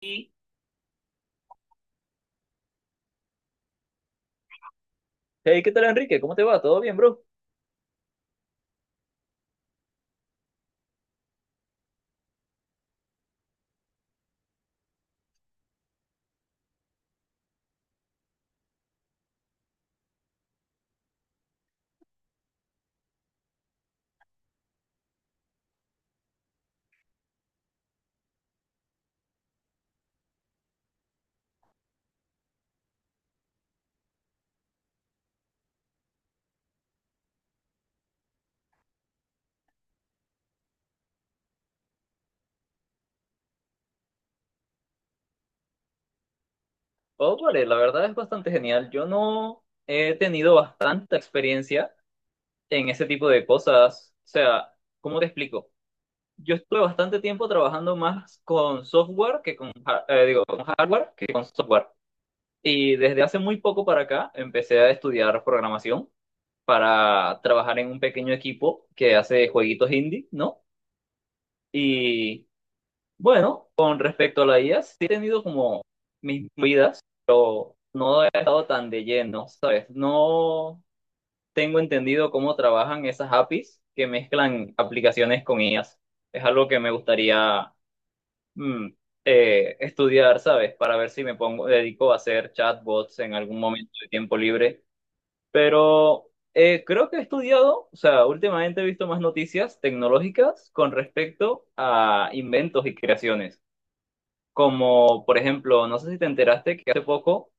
Hey, ¿qué tal Enrique? ¿Cómo te va? ¿Todo bien, bro? Oh, vale, la verdad es bastante genial. Yo no he tenido bastante experiencia en ese tipo de cosas. O sea, ¿cómo te explico? Yo estuve bastante tiempo trabajando más con software que con hardware que con software. Y desde hace muy poco para acá empecé a estudiar programación para trabajar en un pequeño equipo que hace jueguitos indie, ¿no? Y Bueno, con respecto a la IA, sí he tenido como mis vidas, pero no he estado tan de lleno, ¿sabes? No tengo entendido cómo trabajan esas APIs que mezclan aplicaciones con IAs. Es algo que me gustaría mm, estudiar, ¿sabes? Para ver si me pongo, dedico a hacer chatbots en algún momento de tiempo libre. Pero creo que he estudiado, o sea, últimamente he visto más noticias tecnológicas con respecto a inventos y creaciones como, por ejemplo, no sé si te enteraste que hace poco,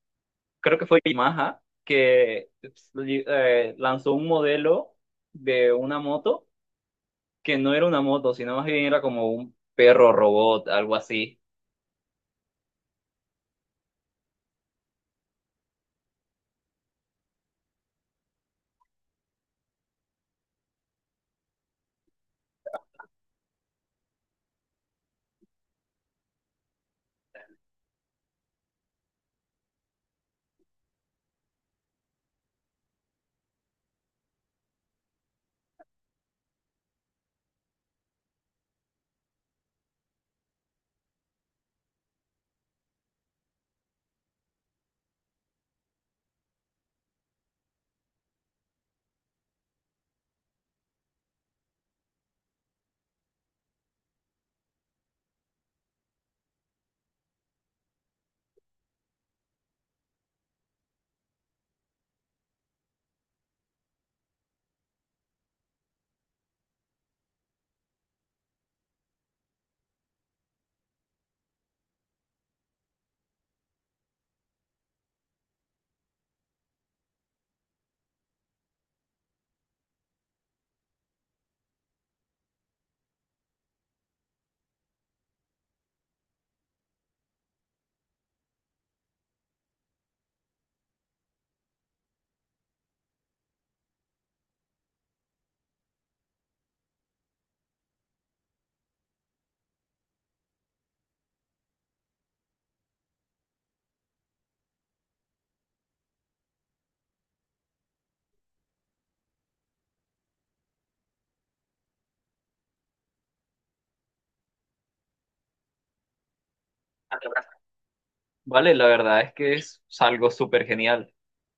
creo que fue Yamaha, que lanzó un modelo de una moto que no era una moto, sino más bien era como un perro robot, algo así. Vale, la verdad es que es algo súper genial.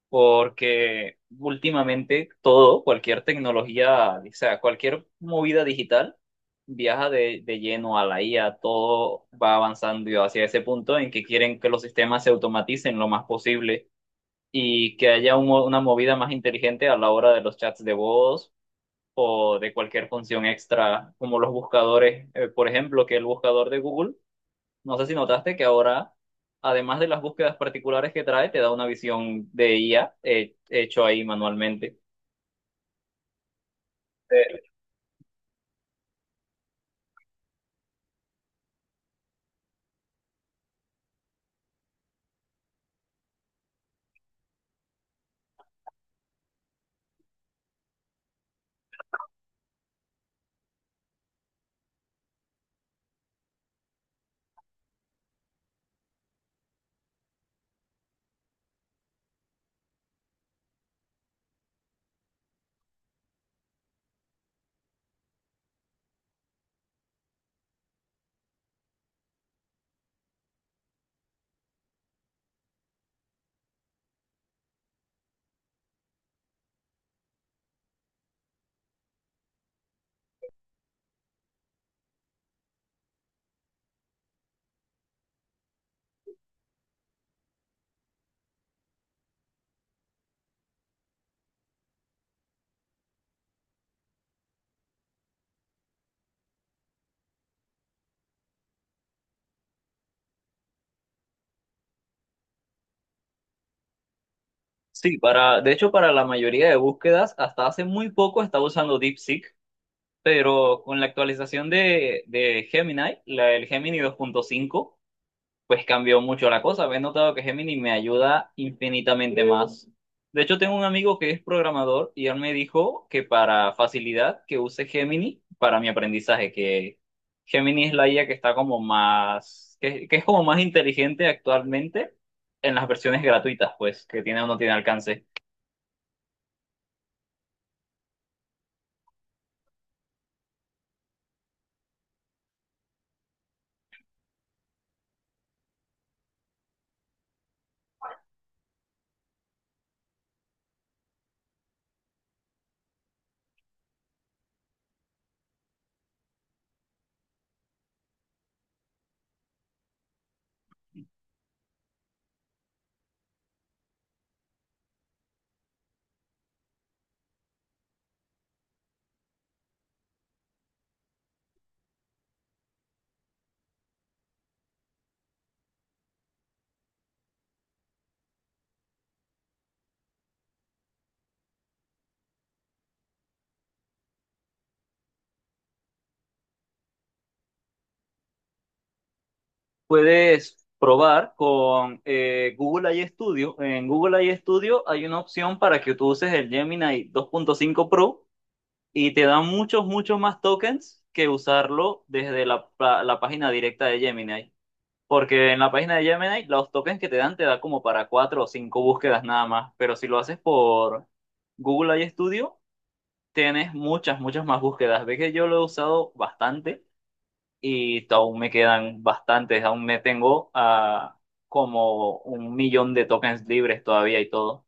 Porque últimamente todo, cualquier tecnología, o sea, cualquier movida digital viaja de lleno a la IA, todo va avanzando hacia ese punto en que quieren que los sistemas se automaticen lo más posible y que haya una movida más inteligente a la hora de los chats de voz o de cualquier función extra, como los buscadores, por ejemplo, que el buscador de Google, no sé si notaste que ahora, además de las búsquedas particulares que trae, te da una visión de IA hecho ahí manualmente. Eh, sí, para, de hecho, para la mayoría de búsquedas, hasta hace muy poco estaba usando DeepSeek, pero con la actualización de Gemini, la, el Gemini 2.5, pues cambió mucho la cosa. He notado que Gemini me ayuda infinitamente más. De hecho, tengo un amigo que es programador y él me dijo que para facilidad que use Gemini para mi aprendizaje, que Gemini es la IA que está como más, que es como más inteligente actualmente en las versiones gratuitas, pues, que tiene o no tiene alcance. Puedes probar con Google AI Studio. En Google AI Studio hay una opción para que tú uses el Gemini 2.5 Pro y te da muchos, muchos más tokens que usarlo desde la página directa de Gemini. Porque en la página de Gemini los tokens que te dan te da como para 4 o 5 búsquedas nada más. Pero si lo haces por Google I Studio tienes muchas, muchas más búsquedas. Ves que yo lo he usado bastante y aún me quedan bastantes. Aún me tengo a como 1 millón de tokens libres todavía y todo.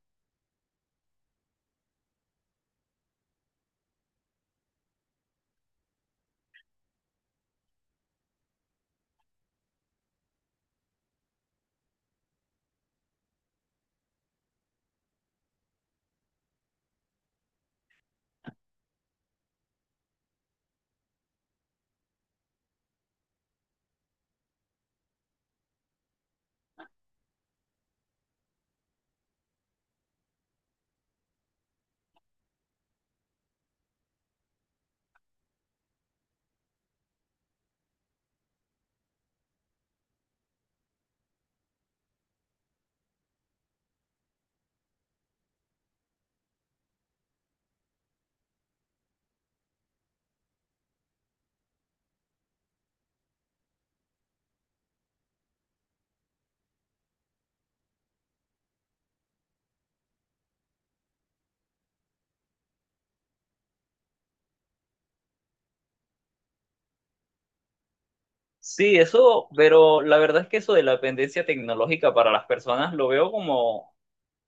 Sí, eso, pero la verdad es que eso de la dependencia tecnológica para las personas lo veo como,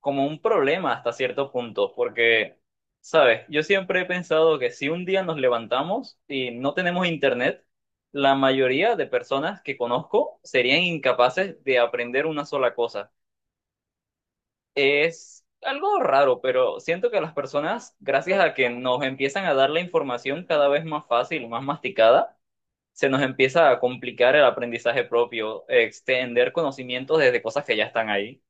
como un problema hasta cierto punto, porque, sabes, yo siempre he pensado que si un día nos levantamos y no tenemos internet, la mayoría de personas que conozco serían incapaces de aprender una sola cosa. Es algo raro, pero siento que las personas, gracias a que nos empiezan a dar la información cada vez más fácil, más masticada, se nos empieza a complicar el aprendizaje propio, extender conocimientos desde cosas que ya están ahí.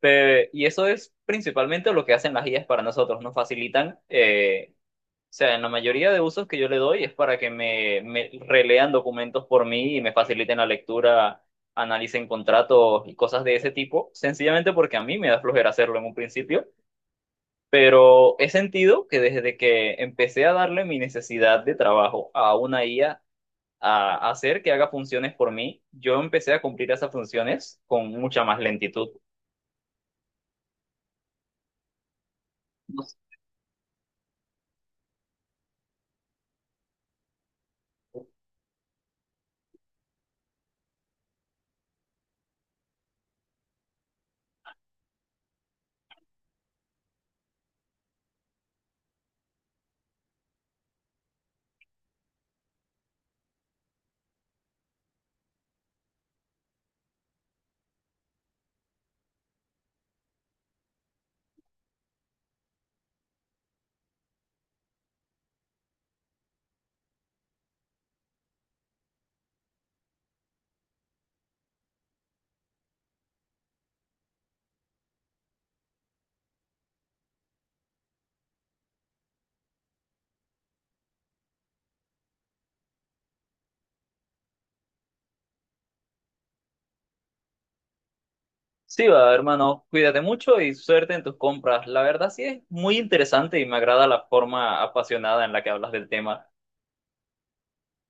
Y eso es principalmente lo que hacen las guías para nosotros, nos facilitan, o sea, en la mayoría de usos que yo le doy es para que me relean documentos por mí y me faciliten la lectura, analicen contratos y cosas de ese tipo, sencillamente porque a mí me da flojera hacerlo en un principio. Pero he sentido que desde que empecé a darle mi necesidad de trabajo a una IA, a hacer que haga funciones por mí, yo empecé a cumplir esas funciones con mucha más lentitud. Sí, va, hermano, cuídate mucho y suerte en tus compras. La verdad sí es muy interesante y me agrada la forma apasionada en la que hablas del tema.